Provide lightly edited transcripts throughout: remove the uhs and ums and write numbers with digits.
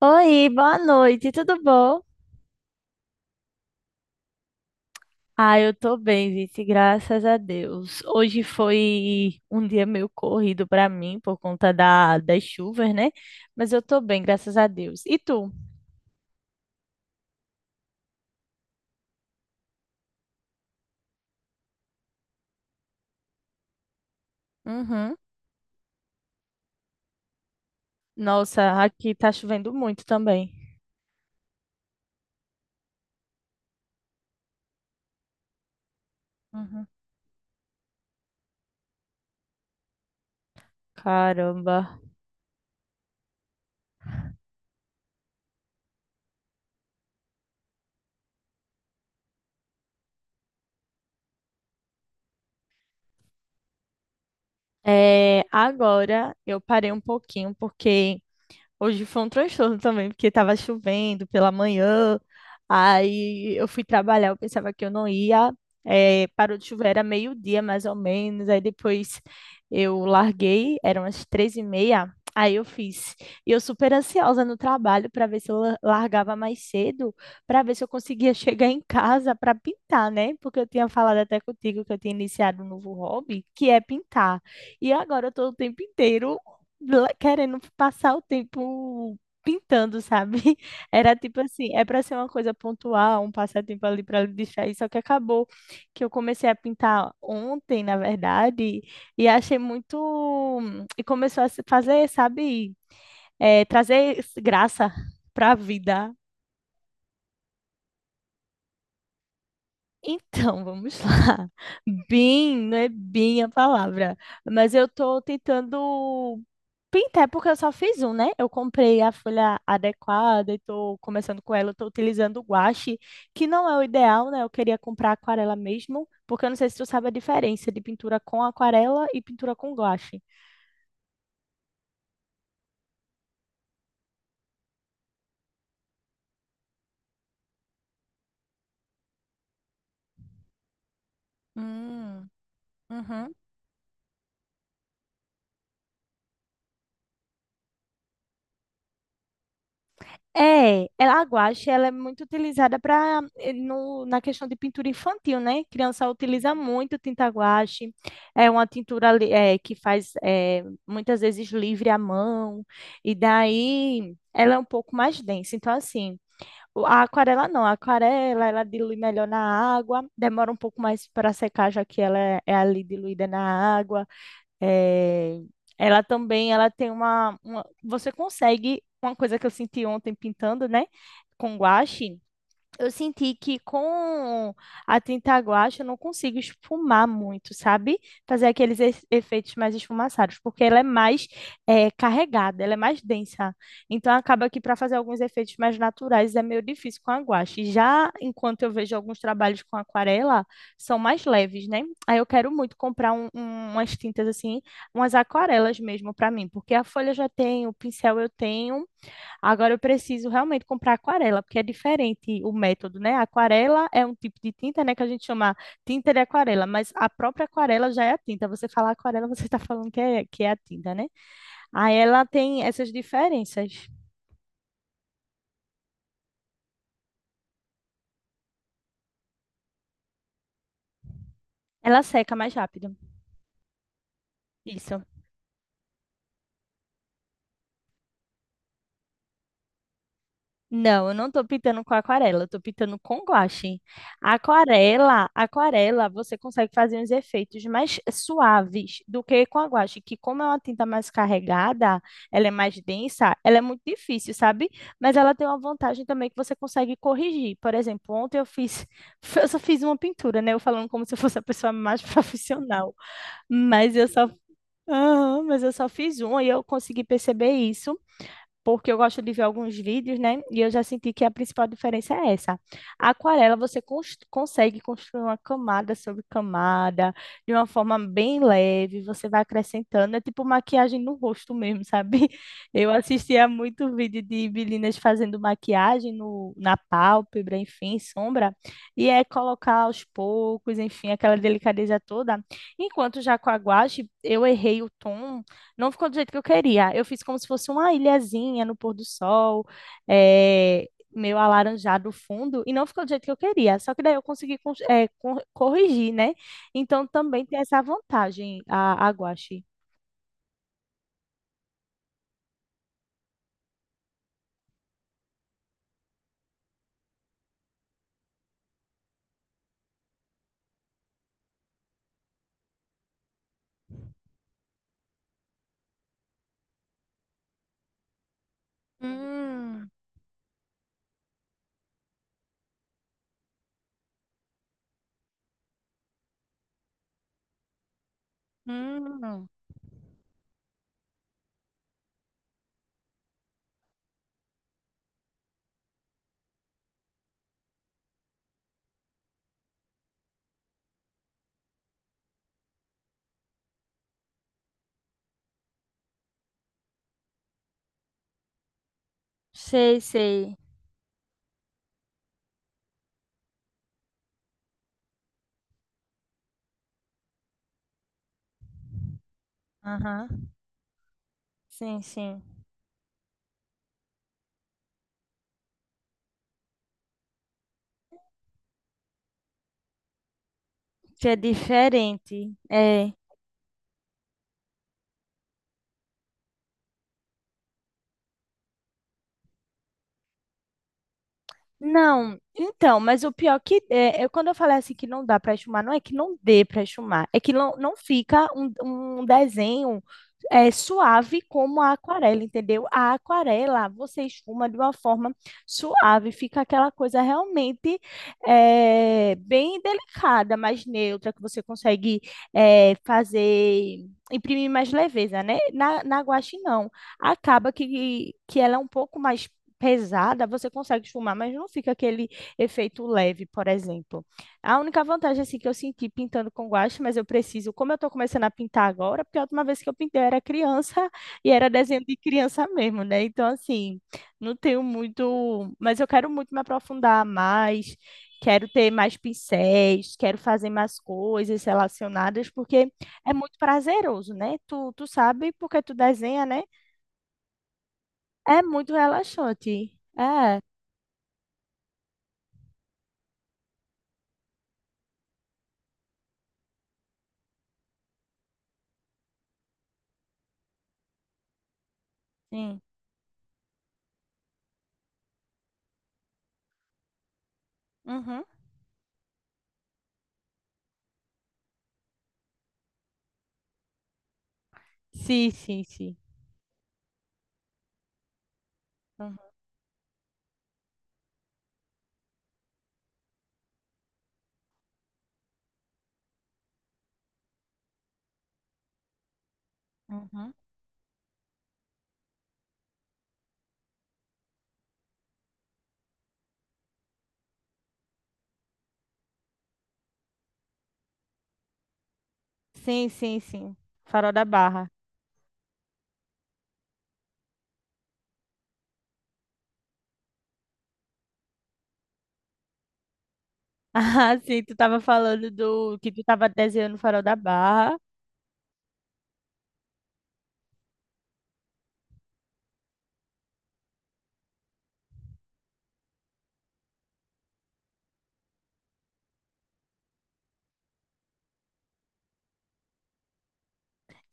Oi, boa noite, tudo bom? Ah, eu tô bem, Vice, graças a Deus. Hoje foi um dia meio corrido pra mim por conta das chuvas, né? Mas eu tô bem, graças a Deus. E tu? Uhum. Nossa, aqui tá chovendo muito também. Uhum. Caramba. É, agora eu parei um pouquinho porque hoje foi um transtorno também, porque estava chovendo pela manhã, aí eu fui trabalhar, eu pensava que eu não ia, parou de chover, era meio-dia mais ou menos, aí depois eu larguei, eram as três e meia, aí eu fiz. E eu super ansiosa no trabalho para ver se eu largava mais cedo, para ver se eu conseguia chegar em casa para pintar, né? Porque eu tinha falado até contigo que eu tinha iniciado um novo hobby, que é pintar. E agora eu estou o tempo inteiro querendo passar o tempo pintando, sabe? Era tipo assim, é para ser uma coisa pontual, um passatempo ali para distrair, só que acabou que eu comecei a pintar ontem, na verdade, e achei muito e começou a se fazer, sabe, trazer graça para a vida. Então, vamos lá. Bem, não é bem a palavra, mas eu tô tentando pintar porque eu só fiz um, né? Eu comprei a folha adequada e tô começando com ela, eu tô utilizando o guache, que não é o ideal, né? Eu queria comprar aquarela mesmo, porque eu não sei se tu sabe a diferença de pintura com aquarela e pintura com guache. Hum, uhum. É, ela, a guache, ela é muito utilizada para no na questão de pintura infantil, né? Criança utiliza muito tinta guache. É uma que faz muitas vezes livre à mão e daí ela é um pouco mais densa. Então assim, a aquarela não, a aquarela ela dilui melhor na água, demora um pouco mais para secar já que ela é, é ali diluída na água. É, ela também, ela tem uma você consegue uma coisa que eu senti ontem pintando, né, com guache. Eu senti que com a tinta guache eu não consigo esfumar muito, sabe? Fazer aqueles efeitos mais esfumaçados, porque ela é mais carregada, ela é mais densa. Então acaba que para fazer alguns efeitos mais naturais é meio difícil com a guache. Já enquanto eu vejo alguns trabalhos com aquarela, são mais leves, né? Aí eu quero muito comprar umas tintas assim, umas aquarelas mesmo para mim, porque a folha eu já tenho, o pincel eu tenho. Agora eu preciso realmente comprar aquarela, porque é diferente o método, né? A aquarela é um tipo de tinta, né, que a gente chama tinta de aquarela, mas a própria aquarela já é a tinta. Você fala aquarela, você está falando que é a tinta, né? Aí ela tem essas diferenças. Ela seca mais rápido. Isso. Não, eu não tô pintando com aquarela, eu tô pintando com guache. Aquarela, aquarela, você consegue fazer uns efeitos mais suaves do que com a guache, que como é uma tinta mais carregada, ela é mais densa, ela é muito difícil, sabe? Mas ela tem uma vantagem também que você consegue corrigir. Por exemplo, ontem eu fiz, eu só fiz uma pintura, né? Eu falando como se eu fosse a pessoa mais profissional, mas eu só... Aham, mas eu só fiz uma e eu consegui perceber isso porque eu gosto de ver alguns vídeos, né? E eu já senti que a principal diferença é essa. A aquarela você consegue construir uma camada sobre camada, de uma forma bem leve, você vai acrescentando, é tipo maquiagem no rosto mesmo, sabe? Eu assistia muito vídeo de meninas fazendo maquiagem no, na pálpebra, enfim, sombra, e é colocar aos poucos, enfim, aquela delicadeza toda. Enquanto já com a guache, eu errei o tom, não ficou do jeito que eu queria. Eu fiz como se fosse uma ilhazinha no pôr do sol, é, meio alaranjado o fundo, e não ficou do jeito que eu queria. Só que daí eu consegui corrigir, né? Então também tem essa vantagem a guache. Hum, hum, sei, sei. Aham. Sim, sim. Que é diferente. É. Não, então, mas o pior que é, quando eu falei assim que não dá para esfumar, não é que não dê para esfumar, é que não fica um, um desenho suave como a aquarela, entendeu? A aquarela você esfuma de uma forma suave, fica aquela coisa realmente bem delicada, mais neutra, que você consegue fazer, imprimir mais leveza, né? Na guache não, acaba que ela é um pouco mais pesada, você consegue fumar mas não fica aquele efeito leve, por exemplo. A única vantagem assim que eu senti pintando com guache, mas eu preciso, como eu estou começando a pintar agora, porque a última vez que eu pintei eu era criança e era desenho de criança mesmo, né? Então assim, não tenho muito, mas eu quero muito me aprofundar mais, quero ter mais pincéis, quero fazer mais coisas relacionadas, porque é muito prazeroso, né? Tu sabe porque tu desenha, né? É muito relaxante. É. Sim. Uhum. Sim, sim, sim. Uhum, uhum. Sim, sim, sim. Farol da Barra. Ah, sim, tu tava falando do que tu tava desenhando o Farol da Barra.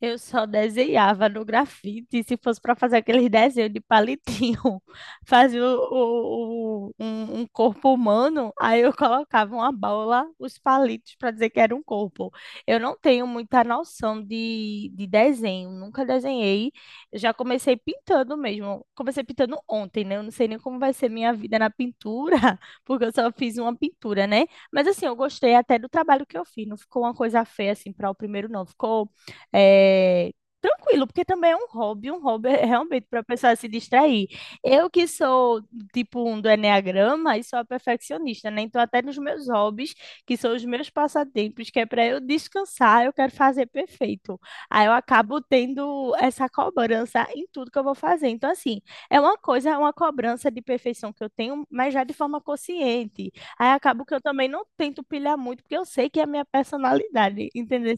Eu só desenhava no grafite, se fosse para fazer aqueles desenhos de palitinho, fazia um corpo humano, aí eu colocava uma bola, os palitos, para dizer que era um corpo. Eu não tenho muita noção de desenho, nunca desenhei. Eu já comecei pintando mesmo. Comecei pintando ontem, né? Eu não sei nem como vai ser minha vida na pintura, porque eu só fiz uma pintura, né? Mas assim, eu gostei até do trabalho que eu fiz, não ficou uma coisa feia assim para o primeiro, não. Ficou é, tranquilo, porque também é um hobby é realmente para a pessoa se distrair. Eu que sou tipo um do enneagrama e sou a perfeccionista, né? Então até nos meus hobbies, que são os meus passatempos, que é para eu descansar, eu quero fazer perfeito. Aí eu acabo tendo essa cobrança em tudo que eu vou fazer. Então assim, é uma coisa, é uma cobrança de perfeição que eu tenho, mas já de forma consciente. Aí acabo que eu também não tento pilhar muito, porque eu sei que é a minha personalidade, entendeu?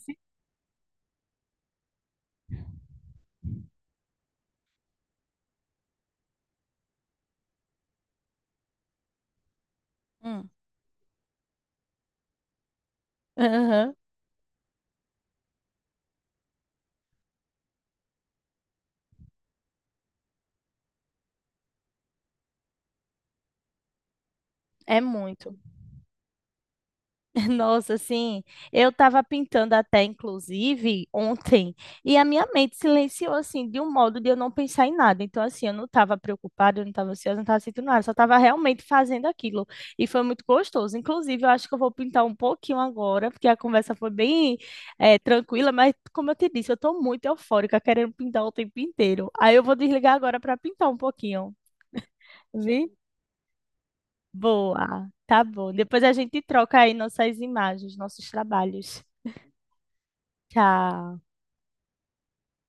Hum. Aham. É muito. Nossa, assim, eu estava pintando até, inclusive, ontem, e a minha mente silenciou, assim, de um modo de eu não pensar em nada. Então, assim, eu não estava preocupada, eu não estava ansiosa, eu não estava sentindo nada, eu só estava realmente fazendo aquilo. E foi muito gostoso. Inclusive, eu acho que eu vou pintar um pouquinho agora, porque a conversa foi bem, tranquila, mas, como eu te disse, eu estou muito eufórica, querendo pintar o tempo inteiro. Aí eu vou desligar agora para pintar um pouquinho. Vi? Boa, tá bom. Depois a gente troca aí nossas imagens, nossos trabalhos. Tchau.